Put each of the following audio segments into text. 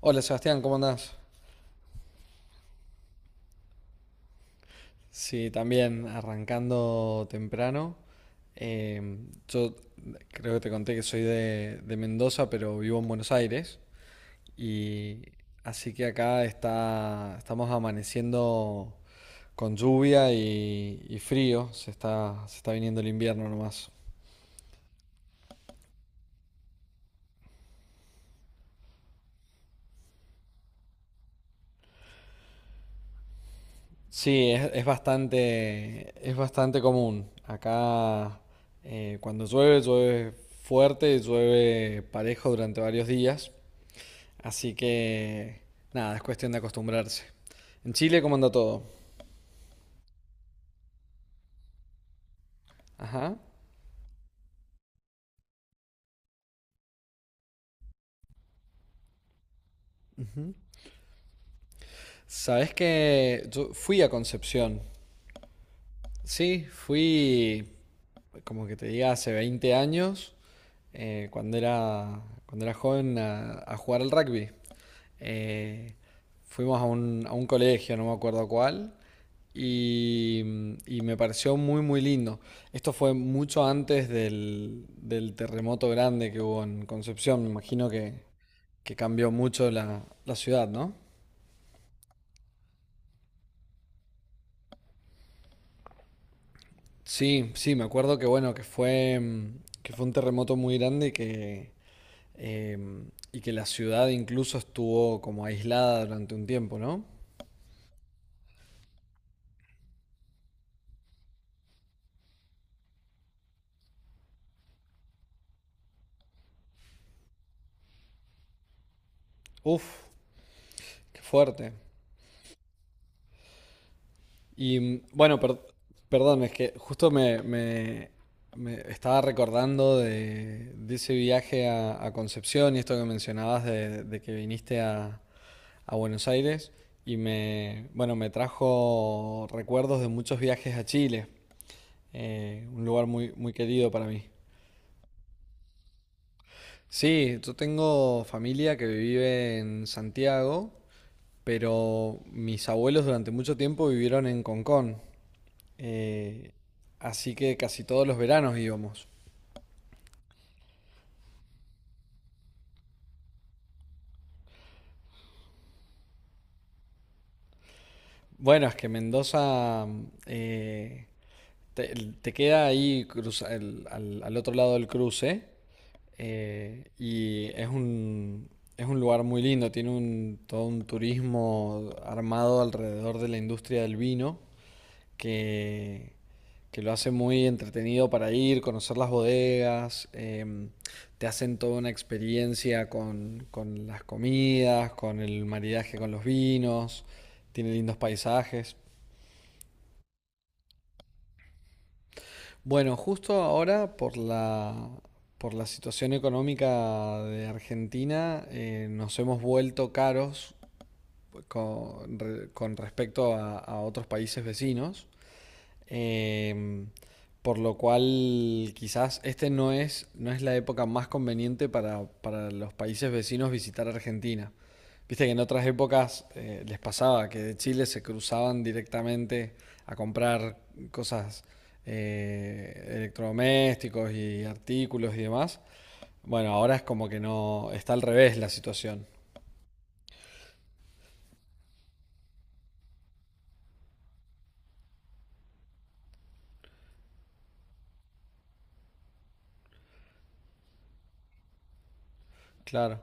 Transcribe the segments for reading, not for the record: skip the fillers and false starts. Hola Sebastián, ¿cómo andás? Sí, también arrancando temprano. Eh, yo creo que te conté que soy de Mendoza, pero vivo en Buenos Aires. Y así que acá estamos amaneciendo con lluvia y frío. Se está viniendo el invierno nomás. Sí, es bastante común. Acá cuando llueve, llueve fuerte, llueve parejo durante varios días. Así que nada, es cuestión de acostumbrarse. En Chile, ¿cómo anda todo? Ajá. Sabes que yo fui a Concepción. Sí, fui como que te diga, hace 20 años, cuando cuando era joven, a jugar al rugby. Eh, fuimos a a un colegio, no me acuerdo cuál, y, y me pareció muy, muy lindo. Esto fue mucho antes del terremoto grande que hubo en Concepción, me imagino que cambió mucho la ciudad, ¿no? Sí, sí, me acuerdo que bueno, que fue, que fue un terremoto muy grande Eh, y que la ciudad incluso estuvo como aislada durante un tiempo, ¿no? Uf, qué fuerte. Y bueno, perdón, es que justo me estaba recordando de ese viaje a Concepción y esto que mencionabas de que viniste a Buenos Aires y me, bueno, me trajo recuerdos de muchos viajes a Chile, un lugar muy, muy querido para mí. Sí, yo tengo familia que vive en Santiago, pero mis abuelos durante mucho tiempo vivieron en Concón, eh, así que casi todos los veranos íbamos. Bueno, es que Mendoza eh, te, te queda ahí al otro lado del cruce y es es un lugar muy lindo, tiene un, todo un turismo armado alrededor de la industria del vino. Que, que lo hace muy entretenido para ir, conocer las bodegas, te hacen toda una experiencia con las comidas, con el maridaje con los vinos, tiene lindos paisajes. Bueno, justo ahora por la situación económica de Argentina nos hemos vuelto caros con respecto a otros países vecinos. Em, por lo cual quizás este no es, no es la época más conveniente para los países vecinos visitar Argentina. Viste que en otras épocas les pasaba que de Chile se cruzaban directamente a comprar cosas electrodomésticos y artículos y demás. Bueno, ahora es como que no, está al revés la situación. Claro.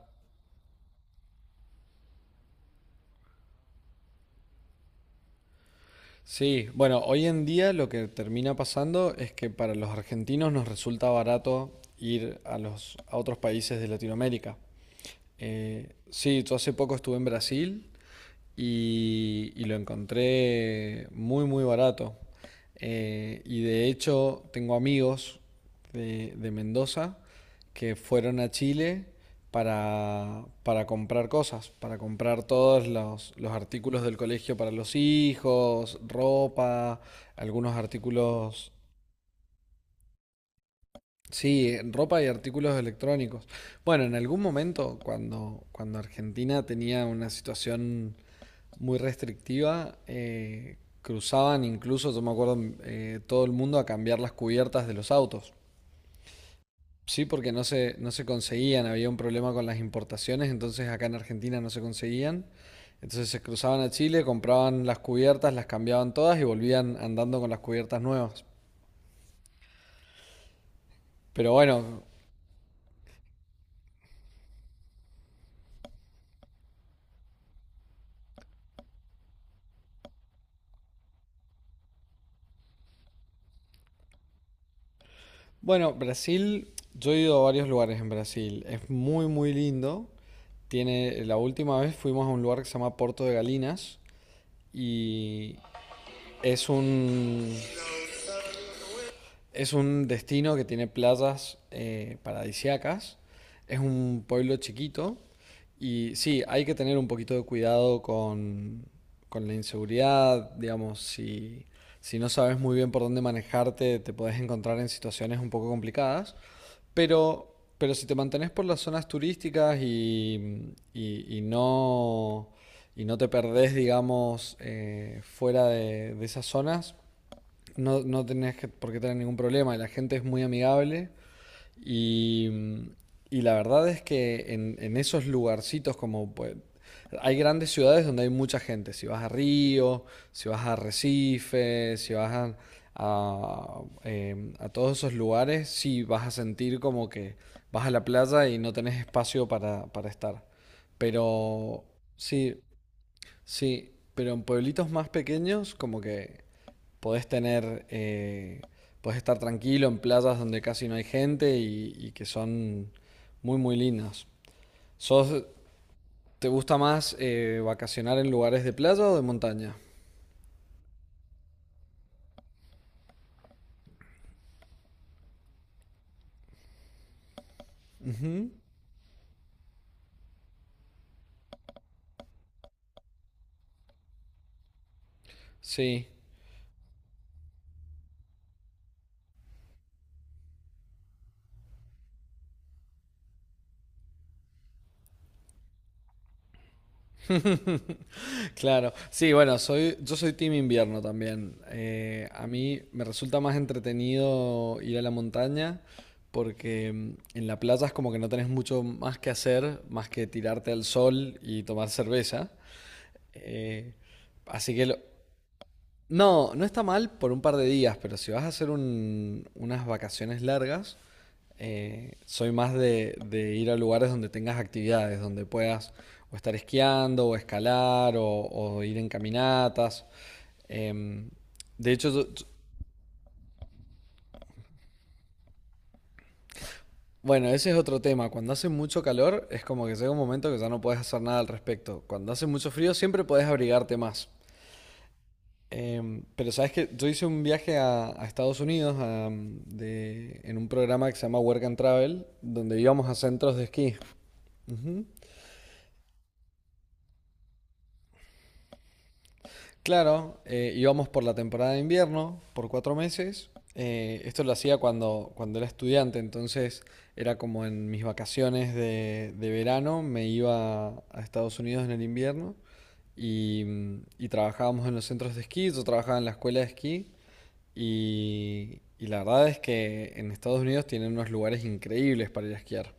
Sí, bueno, hoy en día lo que termina pasando es que para los argentinos nos resulta barato ir a los a otros países de Latinoamérica. Sí, yo hace poco estuve en Brasil y lo encontré muy, muy barato. Y de hecho tengo amigos de Mendoza que fueron a Chile para comprar cosas, para comprar todos los artículos del colegio para los hijos, ropa, algunos artículos, sí, ropa y artículos electrónicos. Bueno, en algún momento cuando Argentina tenía una situación muy restrictiva. Cruzaban incluso, yo me acuerdo, todo el mundo a cambiar las cubiertas de los autos. Sí, porque no se conseguían, había un problema con las importaciones, entonces acá en Argentina no se conseguían. Entonces se cruzaban a Chile, compraban las cubiertas, las cambiaban todas y volvían andando con las cubiertas nuevas. Pero bueno, bueno, Brasil, yo he ido a varios lugares en Brasil, es muy muy lindo. Tiene, la última vez fuimos a un lugar que se llama Porto de Galinas y es es un destino que tiene playas paradisiacas. Es un pueblo chiquito. Y sí, hay que tener un poquito de cuidado con la inseguridad, digamos, si, si no sabes muy bien por dónde manejarte, te podés encontrar en situaciones un poco complicadas, pero si te mantenés por las zonas turísticas y no te perdés, digamos, fuera de esas zonas, no, no tenés por qué tener ningún problema, la gente es muy amigable y, y la verdad es que en esos lugarcitos como pues, hay grandes ciudades donde hay mucha gente, si vas a Río, si vas a Recife, si vas a todos esos lugares, sí vas a sentir como que vas a la playa y no tenés espacio para estar. Pero sí, sí, pero en pueblitos más pequeños como que podés tener, podés estar tranquilo en playas donde casi no hay gente y que son muy, muy lindas. ¿Sos, te gusta más vacacionar en lugares de playa o de montaña? Ujú. Sí, claro. Sí, bueno, yo soy team invierno también. A mí me resulta más entretenido ir a la montaña porque en la playa es como que no tenés mucho más que hacer, más que tirarte al sol y tomar cerveza. Eh, así que no, no está mal por un par de días, pero si vas a hacer unas vacaciones largas, soy más de ir a lugares donde tengas actividades, donde puedas o estar esquiando, o escalar, o ir en caminatas. Em, de hecho, bueno, ese es otro tema. Cuando hace mucho calor, es como que llega un momento que ya no puedes hacer nada al respecto. Cuando hace mucho frío, siempre podés abrigarte más. Pero sabes que yo hice un viaje a Estados Unidos en un programa que se llama Work and Travel, donde íbamos a centros de esquí. Ujú. Claro, íbamos por la temporada de invierno, por 4 meses. Esto lo hacía cuando era estudiante, entonces era como en mis vacaciones de verano, me iba a Estados Unidos en el invierno y trabajábamos en los centros de esquí, yo trabajaba en la escuela de esquí. Y la verdad es que en Estados Unidos tienen unos lugares increíbles para ir a esquiar.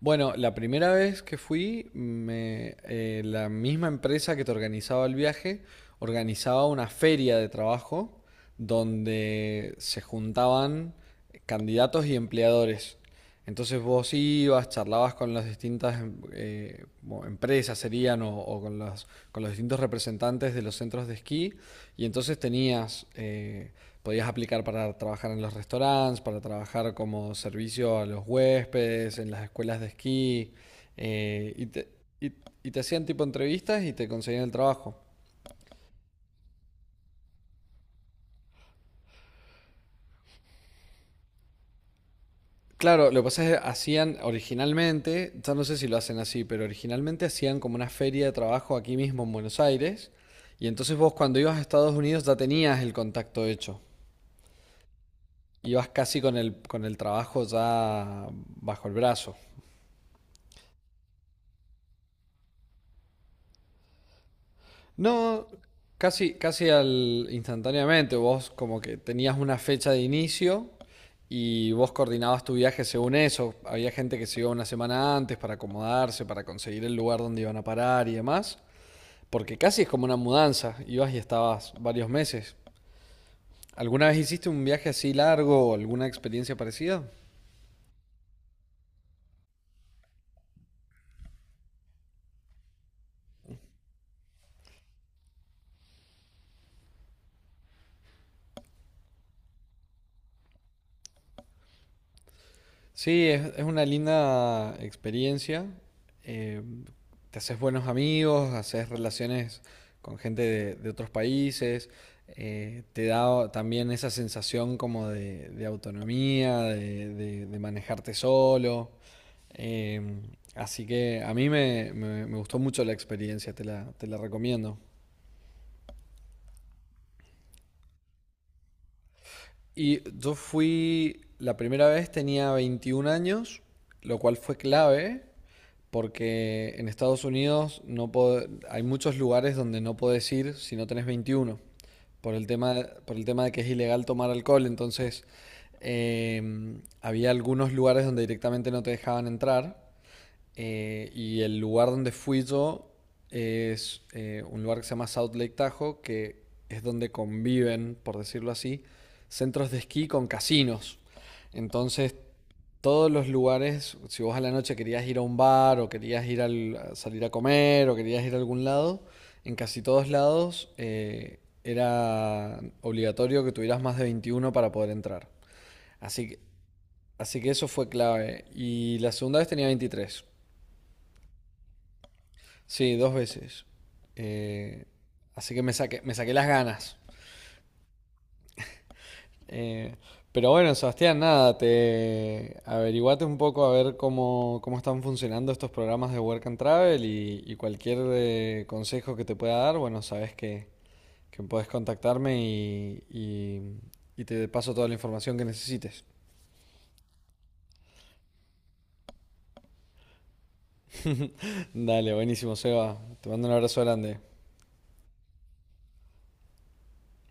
Bueno, la primera vez que fui, la misma empresa que te organizaba el viaje organizaba una feria de trabajo donde se juntaban candidatos y empleadores. Entonces vos ibas, charlabas con las distintas empresas, serían, o con los distintos representantes de los centros de esquí, y entonces tenías, podías aplicar para trabajar en los restaurantes, para trabajar como servicio a los huéspedes, en las escuelas de esquí, eh, y te, y- y te hacían tipo entrevistas y te conseguían el trabajo. Claro, lo que pasa es que hacían originalmente, ya no sé si lo hacen así, pero originalmente hacían como una feria de trabajo aquí mismo en Buenos Aires. Y entonces vos cuando ibas a Estados Unidos ya tenías el contacto hecho. Ibas casi con el trabajo ya bajo el brazo. No, casi, casi al instantáneamente. Vos como que tenías una fecha de inicio y vos coordinabas tu viaje según eso. Había gente que se iba una semana antes para acomodarse, para conseguir el lugar donde iban a parar y demás. Porque casi es como una mudanza, ibas y estabas varios meses. ¿Alguna vez hiciste un viaje así largo o alguna experiencia parecida? Sí, es una linda experiencia. Eh, te haces buenos amigos, haces relaciones con gente de otros países, te da también esa sensación como de, autonomía, de manejarte solo. Eh, así que a mí me gustó mucho la experiencia, te te la recomiendo. Y yo fui, la primera vez tenía 21 años, lo cual fue clave porque en Estados Unidos no pod- hay muchos lugares donde no podés ir si no tenés 21, por el tema, por el tema de que es ilegal tomar alcohol. Entonces, eh, había algunos lugares donde directamente no te dejaban entrar. Y el lugar donde fui yo es un lugar que se llama South Lake Tahoe, que es donde conviven, por decirlo así, centros de esquí con casinos. Entonces, todos los lugares, si vos a la noche querías ir a un bar o querías ir a salir a comer o querías ir a algún lado, en casi todos lados era obligatorio que tuvieras más de 21 para poder entrar. Así que, así que eso fue clave. Y la segunda vez tenía 23. Sí, dos veces. Eh, así que me saqué las ganas. Eh, pero bueno, Sebastián, nada, te averiguate un poco a ver cómo, cómo están funcionando estos programas de Work and Travel y cualquier consejo que te pueda dar, bueno, sabes que puedes contactarme y te paso toda la información que necesites. Dale, buenísimo, Seba. Te mando un abrazo grande.